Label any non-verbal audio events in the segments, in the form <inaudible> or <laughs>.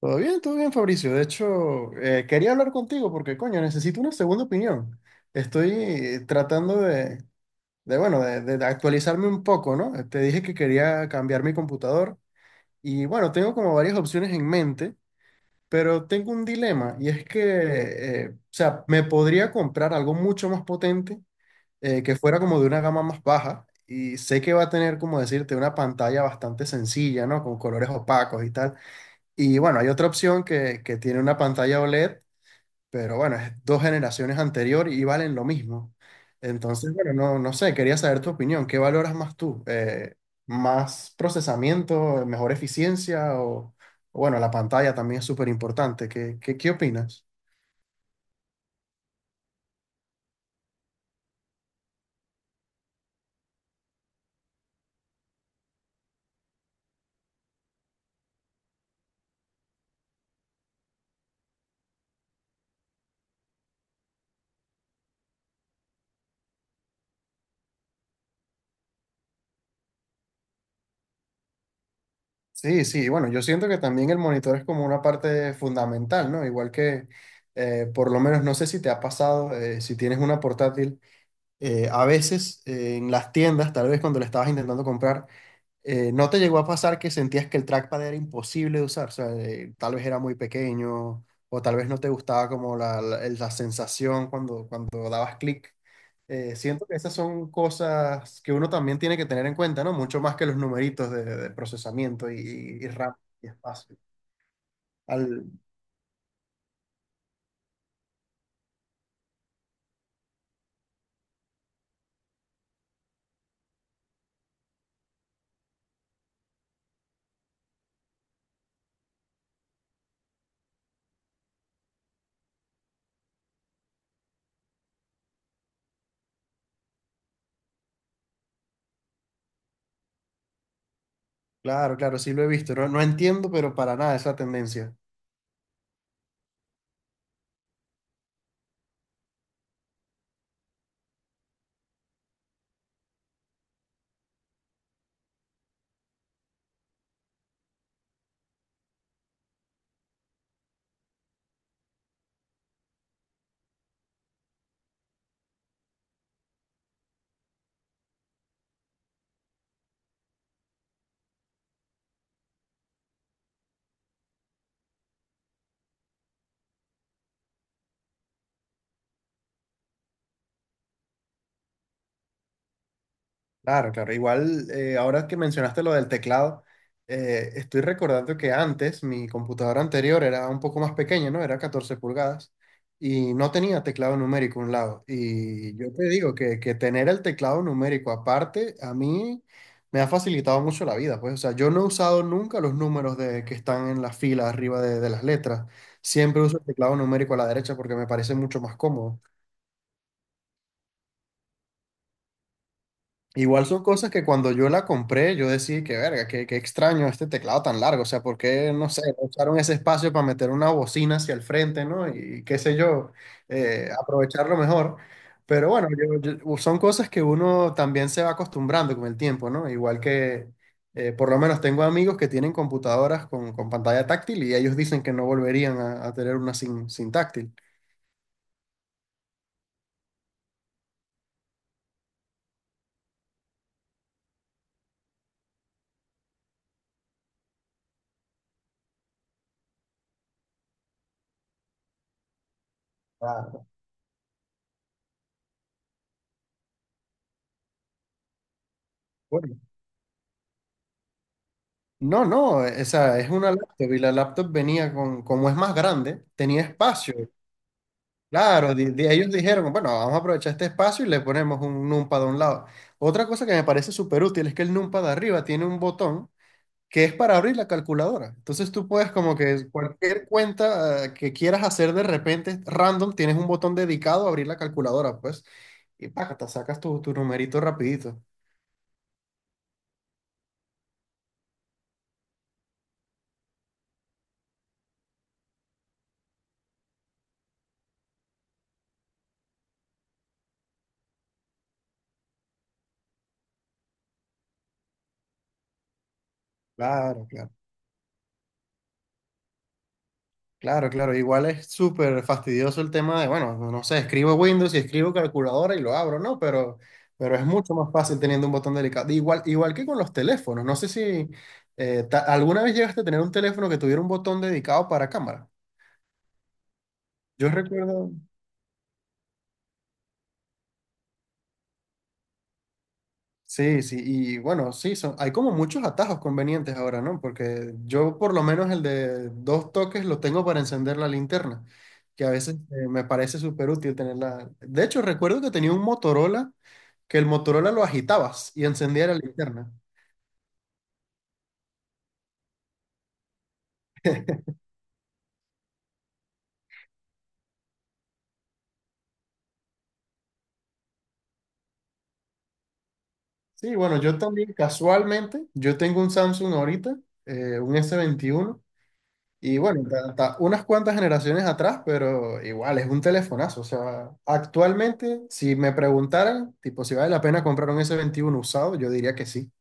Todo bien, Fabricio. De hecho, quería hablar contigo porque, coño, necesito una segunda opinión. Estoy tratando bueno, de actualizarme un poco, ¿no? Te dije que quería cambiar mi computador y, bueno, tengo como varias opciones en mente, pero tengo un dilema y es que, o sea, me podría comprar algo mucho más potente que fuera como de una gama más baja y sé que va a tener, como decirte, una pantalla bastante sencilla, ¿no? Con colores opacos y tal. Y bueno, hay otra opción que tiene una pantalla OLED, pero bueno, es dos generaciones anterior y valen lo mismo. Entonces, bueno, no, no sé, quería saber tu opinión. ¿Qué valoras más tú? ¿Más procesamiento, mejor eficiencia? O, bueno, la pantalla también es súper importante. ¿Qué opinas? Sí, sí, bueno, yo siento que también el monitor es como una parte fundamental, ¿no? Igual que, por lo menos, no sé si te ha pasado, si tienes una portátil. A veces en las tiendas, tal vez cuando la estabas intentando comprar, ¿no te llegó a pasar que sentías que el trackpad era imposible de usar? O sea, tal vez era muy pequeño o tal vez no te gustaba como la sensación cuando, dabas clic. Siento que esas son cosas que uno también tiene que tener en cuenta, ¿no? Mucho más que los numeritos de procesamiento y RAM y espacio. Al, claro, claro, sí lo he visto. No, no entiendo, pero para nada esa tendencia. Claro, claro. Igual, ahora que mencionaste lo del teclado, estoy recordando que antes mi computadora anterior era un poco más pequeña, ¿no? Era 14 pulgadas y no tenía teclado numérico a un lado. Y yo te digo que tener el teclado numérico aparte, a mí me ha facilitado mucho la vida. Pues, o sea, yo no he usado nunca los números de, que están en la fila arriba de las letras. Siempre uso el teclado numérico a la derecha porque me parece mucho más cómodo. Igual son cosas que cuando yo la compré, yo decía que verga, qué extraño este teclado tan largo. O sea, ¿por qué no sé, no usaron ese espacio para meter una bocina hacia el frente, no Y qué sé yo, aprovecharlo mejor. Pero bueno, son cosas que uno también se va acostumbrando con el tiempo, ¿no? Igual que, por lo menos tengo amigos que tienen computadoras con pantalla táctil y ellos dicen que no volverían a, tener una sin, táctil. Claro. No, no, o es una laptop y la laptop venía con, como es más grande, tenía espacio. Claro, de, ellos dijeron, bueno, vamos a aprovechar este espacio y le ponemos un numpad a un lado. Otra cosa que me parece súper útil es que el numpad de arriba tiene un botón que es para abrir la calculadora. Entonces tú puedes como que cualquier cuenta que quieras hacer de repente, random, tienes un botón dedicado a abrir la calculadora, pues, y págata, sacas tu, numerito rapidito. Claro, claro. Claro, claro, igual es súper fastidioso el tema de, bueno, no sé, escribo Windows y escribo calculadora y lo abro, ¿no? Pero es mucho más fácil teniendo un botón delicado. Igual, igual que con los teléfonos, no sé si alguna vez llegaste a tener un teléfono que tuviera un botón dedicado para cámara. Yo recuerdo, sí, sí, y bueno, sí, son, hay como muchos atajos convenientes ahora, ¿no? Porque yo por lo menos el de dos toques lo tengo para encender la linterna, que a veces me parece súper útil tenerla. De hecho, recuerdo que tenía un Motorola que el Motorola lo agitabas y encendía la linterna. <laughs> Sí, bueno, yo también casualmente, yo tengo un Samsung ahorita, un S21 y bueno, hasta unas cuantas generaciones atrás, pero igual es un telefonazo. O sea, actualmente, si me preguntaran, tipo, si vale la pena comprar un S21 usado, yo diría que sí.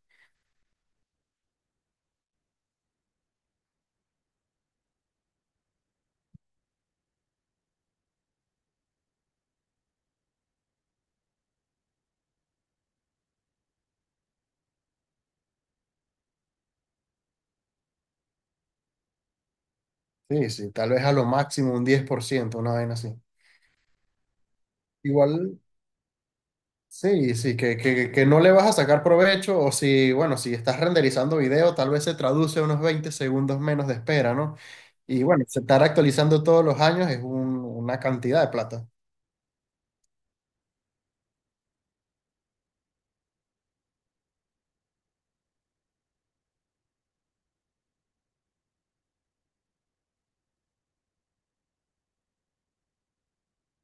Sí, sí, tal vez a lo máximo un 10%, una vaina así. Igual, sí, sí, que no le vas a sacar provecho o si, bueno, si estás renderizando video, tal vez se traduce unos 20 segundos menos de espera, ¿no? Y bueno, se estar actualizando todos los años es una cantidad de plata.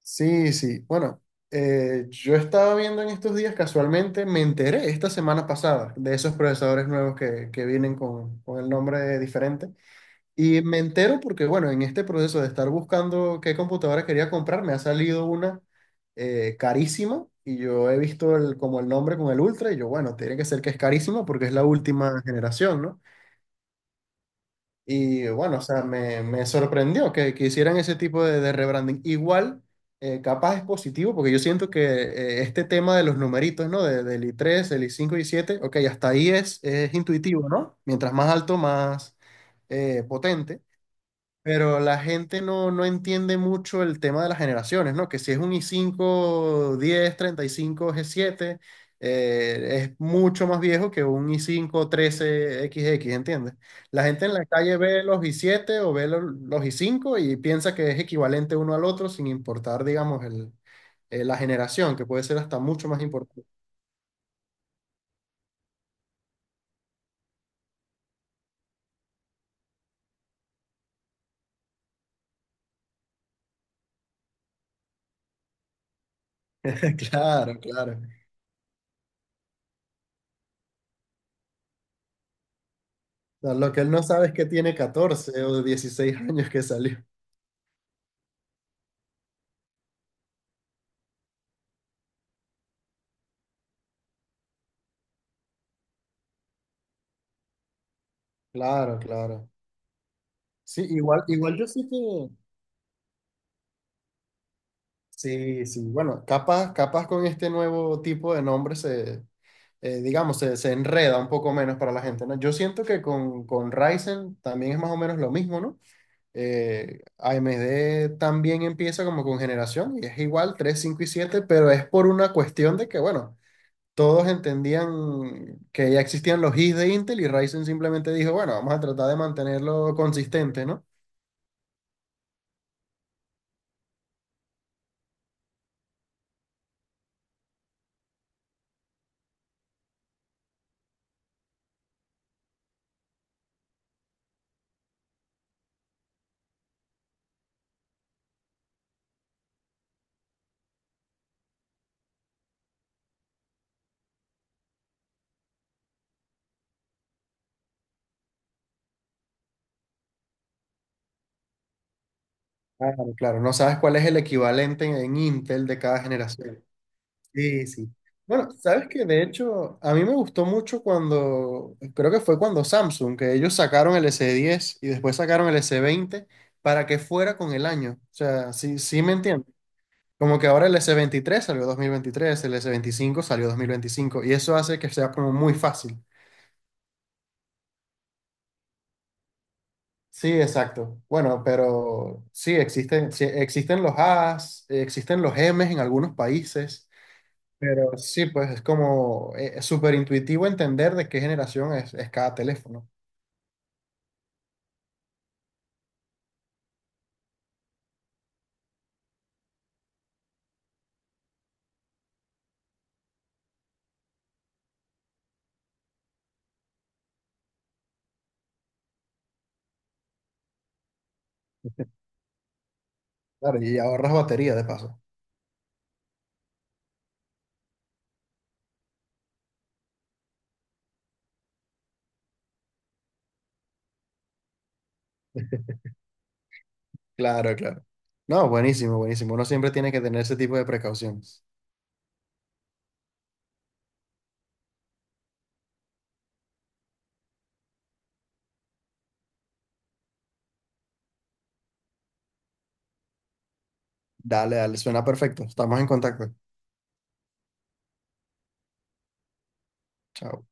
Sí, sí, bueno, yo estaba viendo en estos días, casualmente me enteré esta semana pasada de esos procesadores nuevos que vienen con, el nombre diferente. Y me entero porque, bueno, en este proceso de estar buscando qué computadora quería comprar, me ha salido una carísima y yo he visto el, como el nombre con el Ultra y yo, bueno, tiene que ser que es carísima porque es la última generación, ¿no? Y bueno, o sea, me sorprendió que hicieran ese tipo de rebranding. Igual, capaz es positivo porque yo siento que este tema de los numeritos, ¿no? Del i3 el i5 y siete 7 ok, hasta ahí es intuitivo, ¿no? Mientras más alto, más potente. Pero la gente no entiende mucho el tema de las generaciones, ¿no? Que si es un i cinco diez treinta y cinco g siete es mucho más viejo que un i cinco trece 13 XX, ¿entiendes? La gente en la calle ve los i siete o ve los i cinco y piensa que es equivalente uno al otro sin importar, digamos, la generación, que puede ser hasta mucho más importante. <laughs> Claro, claro. O lo que él no sabe es que tiene 14 o 16 años que salió. Claro, claro. Sí, igual, igual yo sí que, sí, sí, bueno, capaz, capaz con este nuevo tipo de nombre digamos, se enreda un poco menos para la gente, ¿no? Yo siento que con, Ryzen también es más o menos lo mismo, ¿no? AMD también empieza como con generación y es igual 3 5 y 7 pero es por una cuestión de que, bueno, todos entendían que ya existían los Is de Intel y Ryzen simplemente dijo, bueno, vamos a tratar de mantenerlo consistente, ¿no? Claro, claro, no sabes cuál es el equivalente en Intel de cada generación. Sí, sí. Bueno, sabes que de hecho a mí me gustó mucho cuando, creo que fue cuando Samsung, que ellos sacaron el S10 y después sacaron el S20 para que fuera con el año. O sea, sí, sí me entiendes. Como que ahora el S23 salió 2023, el S25 salió 2025 y eso hace que sea como muy fácil. Sí, exacto. Bueno, pero sí, existen los As, existen los Ms en algunos países. Pero sí, pues es como, es súper intuitivo entender de qué generación es cada teléfono. Claro, y ahorras batería de paso. Claro, claro. No, buenísimo, buenísimo. Uno siempre tiene que tener ese tipo de precauciones. Dale, dale, suena perfecto. Estamos en contacto. Chao.